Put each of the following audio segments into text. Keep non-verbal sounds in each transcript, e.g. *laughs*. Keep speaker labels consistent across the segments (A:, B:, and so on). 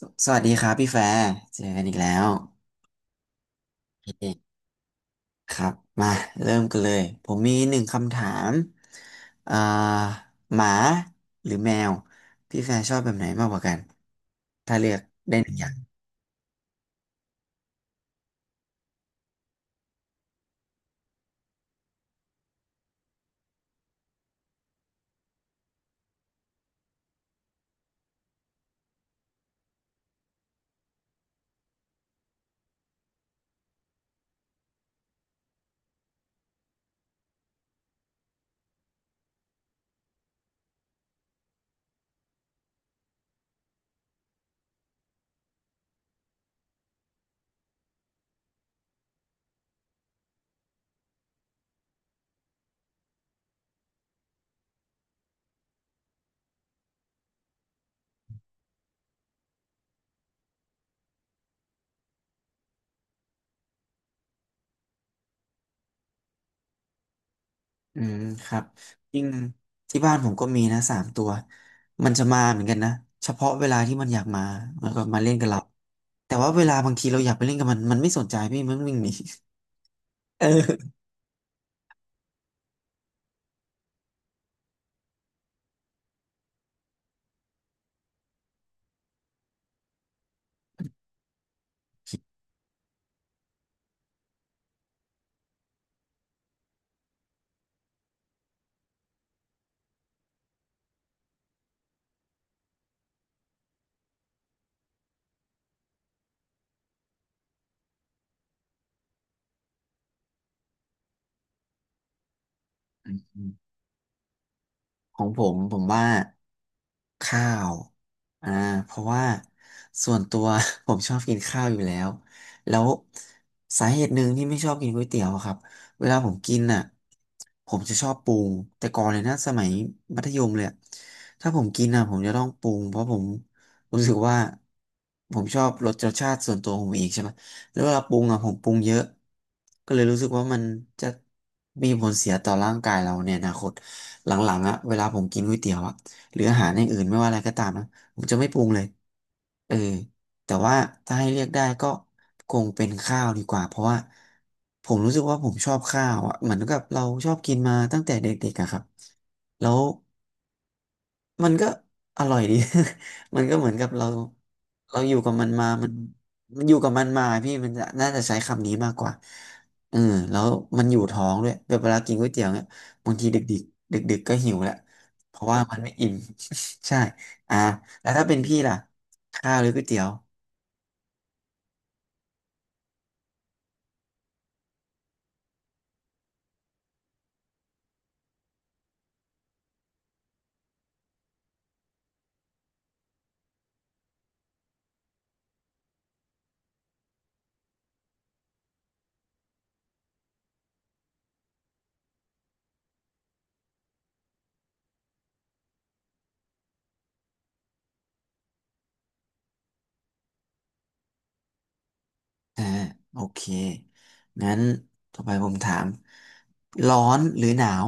A: วัสดีครับพี่แฟร์เจอกันอีกแล้วโอเคครับมาเริ่มกันเลยผมมีหนึ่งคำถามอ่าหมาหรือแมวพี่แฟร์ชอบแบบไหนมากกว่ากันถ้าเลือกได้หนึ่งอย่างอืมครับจริงที่บ้านผมก็มีนะสามตัวมันจะมาเหมือนกันนะเฉพาะเวลาที่มันอยากมามันก็มาเล่นกับเราแต่ว่าเวลาบางทีเราอยากไปเล่นกับมันมันไม่สนใจพี่มันวิ่งหนี *laughs* เออ ของผมผมว่าข้าวอ่าเพราะว่าส่วนตัว *laughs* ผมชอบกินข้าวอยู่แล้วแล้วสาเหตุหนึ่งที่ไม่ชอบกินก๋วยเตี๋ยวอะครับเวลาผมกินอ่ะผมจะชอบปรุงแต่ก่อนเลยนะสมัยมัธยมเลยอะถ้าผมกินอ่ะผมจะต้องปรุงเพราะผมรู้สึกว่าผมชอบรสชาติส่วนตัวของผมเองใช่ไหมแล้วเวลาปรุงอ่ะผมปรุงเยอะก็เลยรู้สึกว่ามันจะมีผลเสียต่อร่างกายเราในอนาคต หลังๆอะเวลาผมกินก๋วยเตี๋ยวอะหรืออาหารอย่างอื่นไม่ว่าอะไรก็ตามนะผมจะไม่ปรุงเลยเออแต่ว่าถ้าให้เลือกได้ก็คงเป็นข้าวดีกว่าเพราะว่าผมรู้สึกว่าผมชอบข้าวอะเหมือนกับเราชอบกินมาตั้งแต่เด็กๆอะครับแล้ว มันก็อร่อยดี *laughs* มันก็เหมือนกับเราเราอยู่กับมันมามันมันอยู่กับมันมาพี่มันจะน่าจะใช้คำนี้มากกว่าเออแล้วมันอยู่ท้องด้วยแบบเวลากินก๋วยเตี๋ยวเนี่ยบางทีดึกดึกๆก็หิวแหละเพราะว่ามันไม่อิ่ม *laughs* ใช่อ่าแล้วถ้าเป็นพี่ล่ะข้าวหรือก๋วยเตี๋ยวอ่าโอเคงั้นต่อไปผมถามร้อนหรือหนาว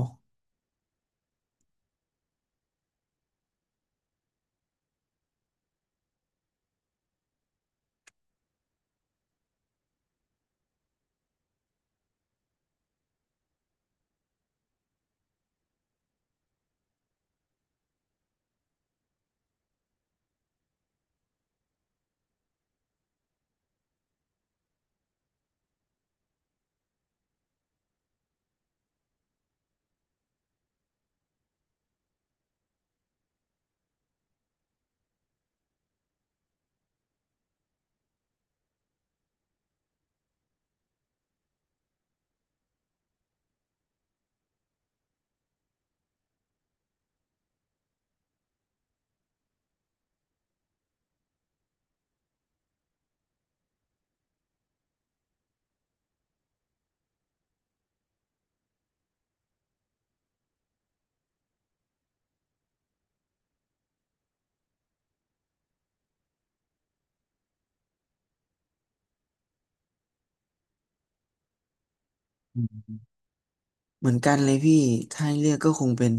A: เหมือนกันเลยพี่ถ้าให้เลือกก็คงเป็น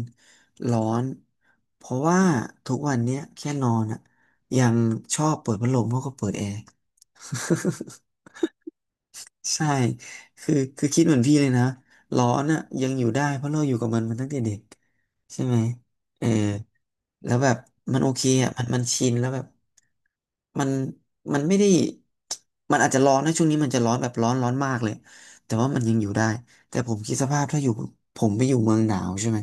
A: ร้อนเพราะว่าทุกวันเนี้ยแค่นอนอะยังชอบเปิดพัดลมมากกว่าเปิดแอร์ *laughs* ใช่คือคิดเหมือนพี่เลยนะร้อนอะยังอยู่ได้เพราะเราอยู่กับมันมาตั้งแต่เด็กใช่ไหมเออ แล้วแบบมันโอเคอ่ะมันชินแล้วแบบมันมันไม่ได้มันอาจจะร้อนนะช่วงนี้มันจะร้อนแบบร้อนมากเลยแต่ว่ามันยังอยู่ได้แต่ผมคิดสภาพถ้าอยู่ผมไปอยู่เมืองหนาวใช่ไหม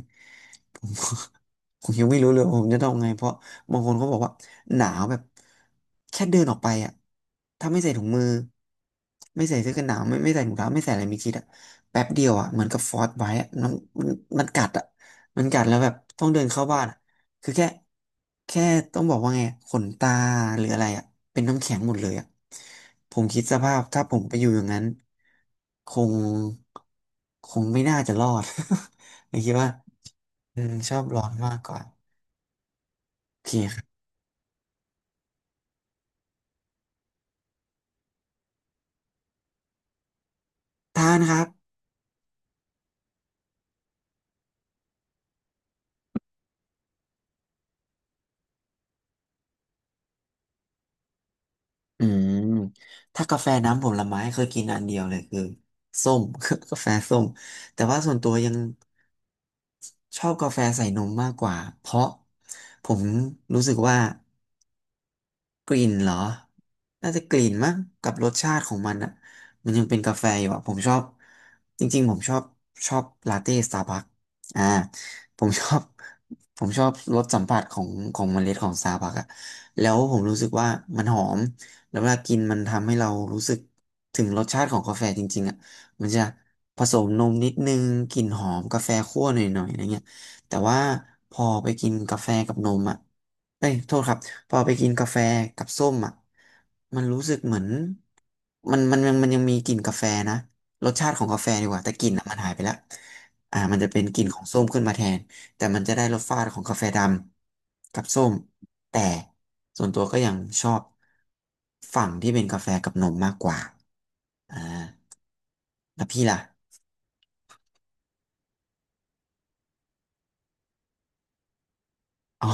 A: ผม *laughs* ผมยังไม่รู้เลยว่าผมจะต้องไงเพราะบางคนเขาบอกว่าหนาวแบบแค่เดินออกไปอ่ะถ้าไม่ใส่ถุงมือไม่ใส่เสื้อกันหนาวไม่ใส่ถุงเท้าไม่ใส่อะไรมีชิดอ่ะแป๊บเดียวอ่ะเหมือนกับฟอสไว้อะมันมันกัดอ่ะมันกัดแล้วแบบต้องเดินเข้าบ้าน คือแค่ต้องบอกว่าไงขนตาหรืออะไรอ่ะเป็นน้ำแข็งหมดเลยอ่ะผมคิดสภาพถ้าผมไปอยู่อย่างนั้นคงคงไม่น่าจะรอด *laughs* ผมคิดว่าอืมชอบร้อนมากกว่าโอเคครับทานครับอืมถ้ากาแฟน้ำผลไม้เคยกินอันเดียวเลยคือส้ม *laughs* กาแฟส้มแต่ว่าส่วนตัวยังชอบกาแฟใส่นมมากกว่าเพราะผมรู้สึกว่า กลิ่นเหรอน่าจะกลิ่นมั้งกับรสชาติของมันอ่ะมันยังเป็นกาแฟอยู่อ่ะผมชอบจริงๆผมชอบชอบลาเต้สตาร์บัคอ่าผมชอบ *laughs* ผมชอบรสสัมผัสของเมล็ดของสตาร์บัคอ่ะแล้วผมรู้สึกว่ามันหอมแล้วเวลากินมันทำให้เรารู้สึกถึงรสชาติของกาแฟจริงๆอ่ะมันจะผสมนมนิดนึงกลิ่นหอมกาแฟคั่วหน่อยๆอะไรเงี้ยแต่ว่าพอไปกินกาแฟกับนมอ่ะเอ้ยโทษครับ พอไปกินกาแฟกับส้มอ่ะมันรู้สึกเหมือนมันยังมีกลิ่นกาแฟนะรสชาติของกาแฟดีกว่าแต่กลิ่นอ่ะมันหายไปแล้วอ่ามันจะเป็นกลิ่นของส้มขึ้นมาแทนแต่มันจะได้รสชาติของกาแฟดำกับส้มแต่ส่วนตัวก็ยังชอบฝั่งที่เป็นกาแฟกับนมมากกว่าอ่าแล้วพี่ล่ะอ๋อ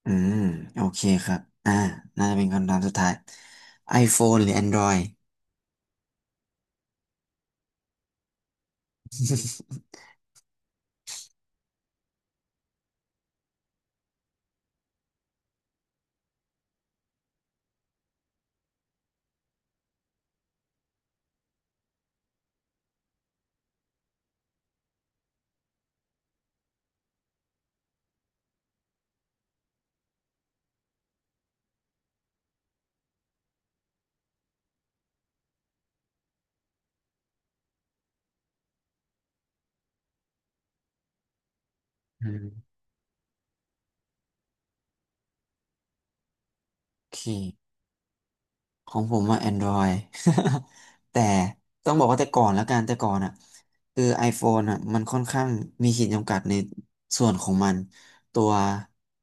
A: *laughs* อืมโอเคครับอ่าน่าจะเป็นคำถามสุดท้าย iPhone หรือ Android *laughs* อืมโอเค ของผมว่า Android *laughs* แต่ต้องบอกว่าแต่ก่อนแล้วกันแต่ก่อนอ่ะคือ iPhone อ่ะมันค่อนข้างมีขีดจำกัดในส่วนของมันตัว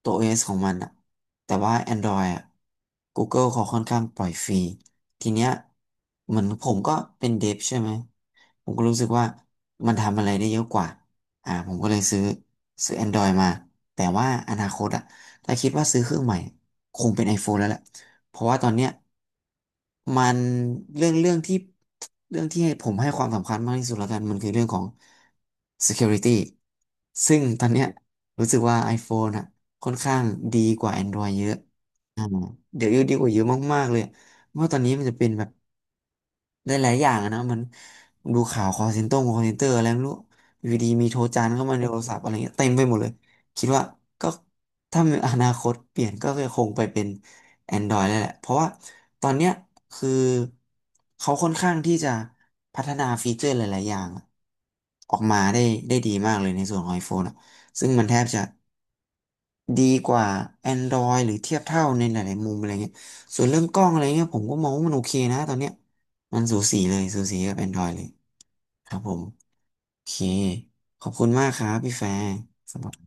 A: ตัว OS ของมันอ่ะแต่ว่า Android อ่ะ Google เขาค่อนข้างปล่อยฟรีทีเนี้ยเหมือนผมก็เป็นเดฟใช่ไหมผมก็รู้สึกว่ามันทำอะไรได้เยอะกว่าอ่าผมก็เลยซื้อ Android มาแต่ว่าอนาคตอ่ะถ้าคิดว่าซื้อเครื่องใหม่คงเป็น iPhone แล้วแหละ เพราะว่าตอนเนี้ยมันเรื่องเรื่องที่เรื่องที่ให้ผมให้ความสำคัญมากที่สุดแล้วกันมันคือเรื่องของ security ซึ่งตอนเนี้ยรู้สึกว่า iPhone อะค่อนข้างดีกว่า Android เยอะเดี๋ยวดีกว่าเยอะมากๆเลยเพราะว่าตอนนี้มันจะเป็นแบบ ได้หลายอย่างอะนะมันดูข่าวคอลเซ็นเตอร์อะไรไม่รู้อยู่ดีมีโทรจานเข้ามาในโทรศัพท์อะไรเงี้ยเต็มไปหมดเลยคิดว่าก็ถ้ามีอนาคตเปลี่ยนก็คงไปเป็น Android แล้วแหละเพราะว่าตอนเนี้ยคือเขาค่อนข้างที่จะพัฒนาฟีเจอร์หลายๆอย่างออกมาได้ได้ดีมากเลยในส่วนของ iPhone อะซึ่งมันแทบจะ ดีกว่า Android หรือเทียบเท่าในหลายๆมุมอะไรเงี้ยส่วนเรื่องกล้องอะไรเงี้ยผมก็มองว่ามันโอเคนะตอนเนี้ยมันสูสีเลยสูสีกับ Android เลยครับผมโอเคขอบคุณมากครับพี่แฟร์สำหรับ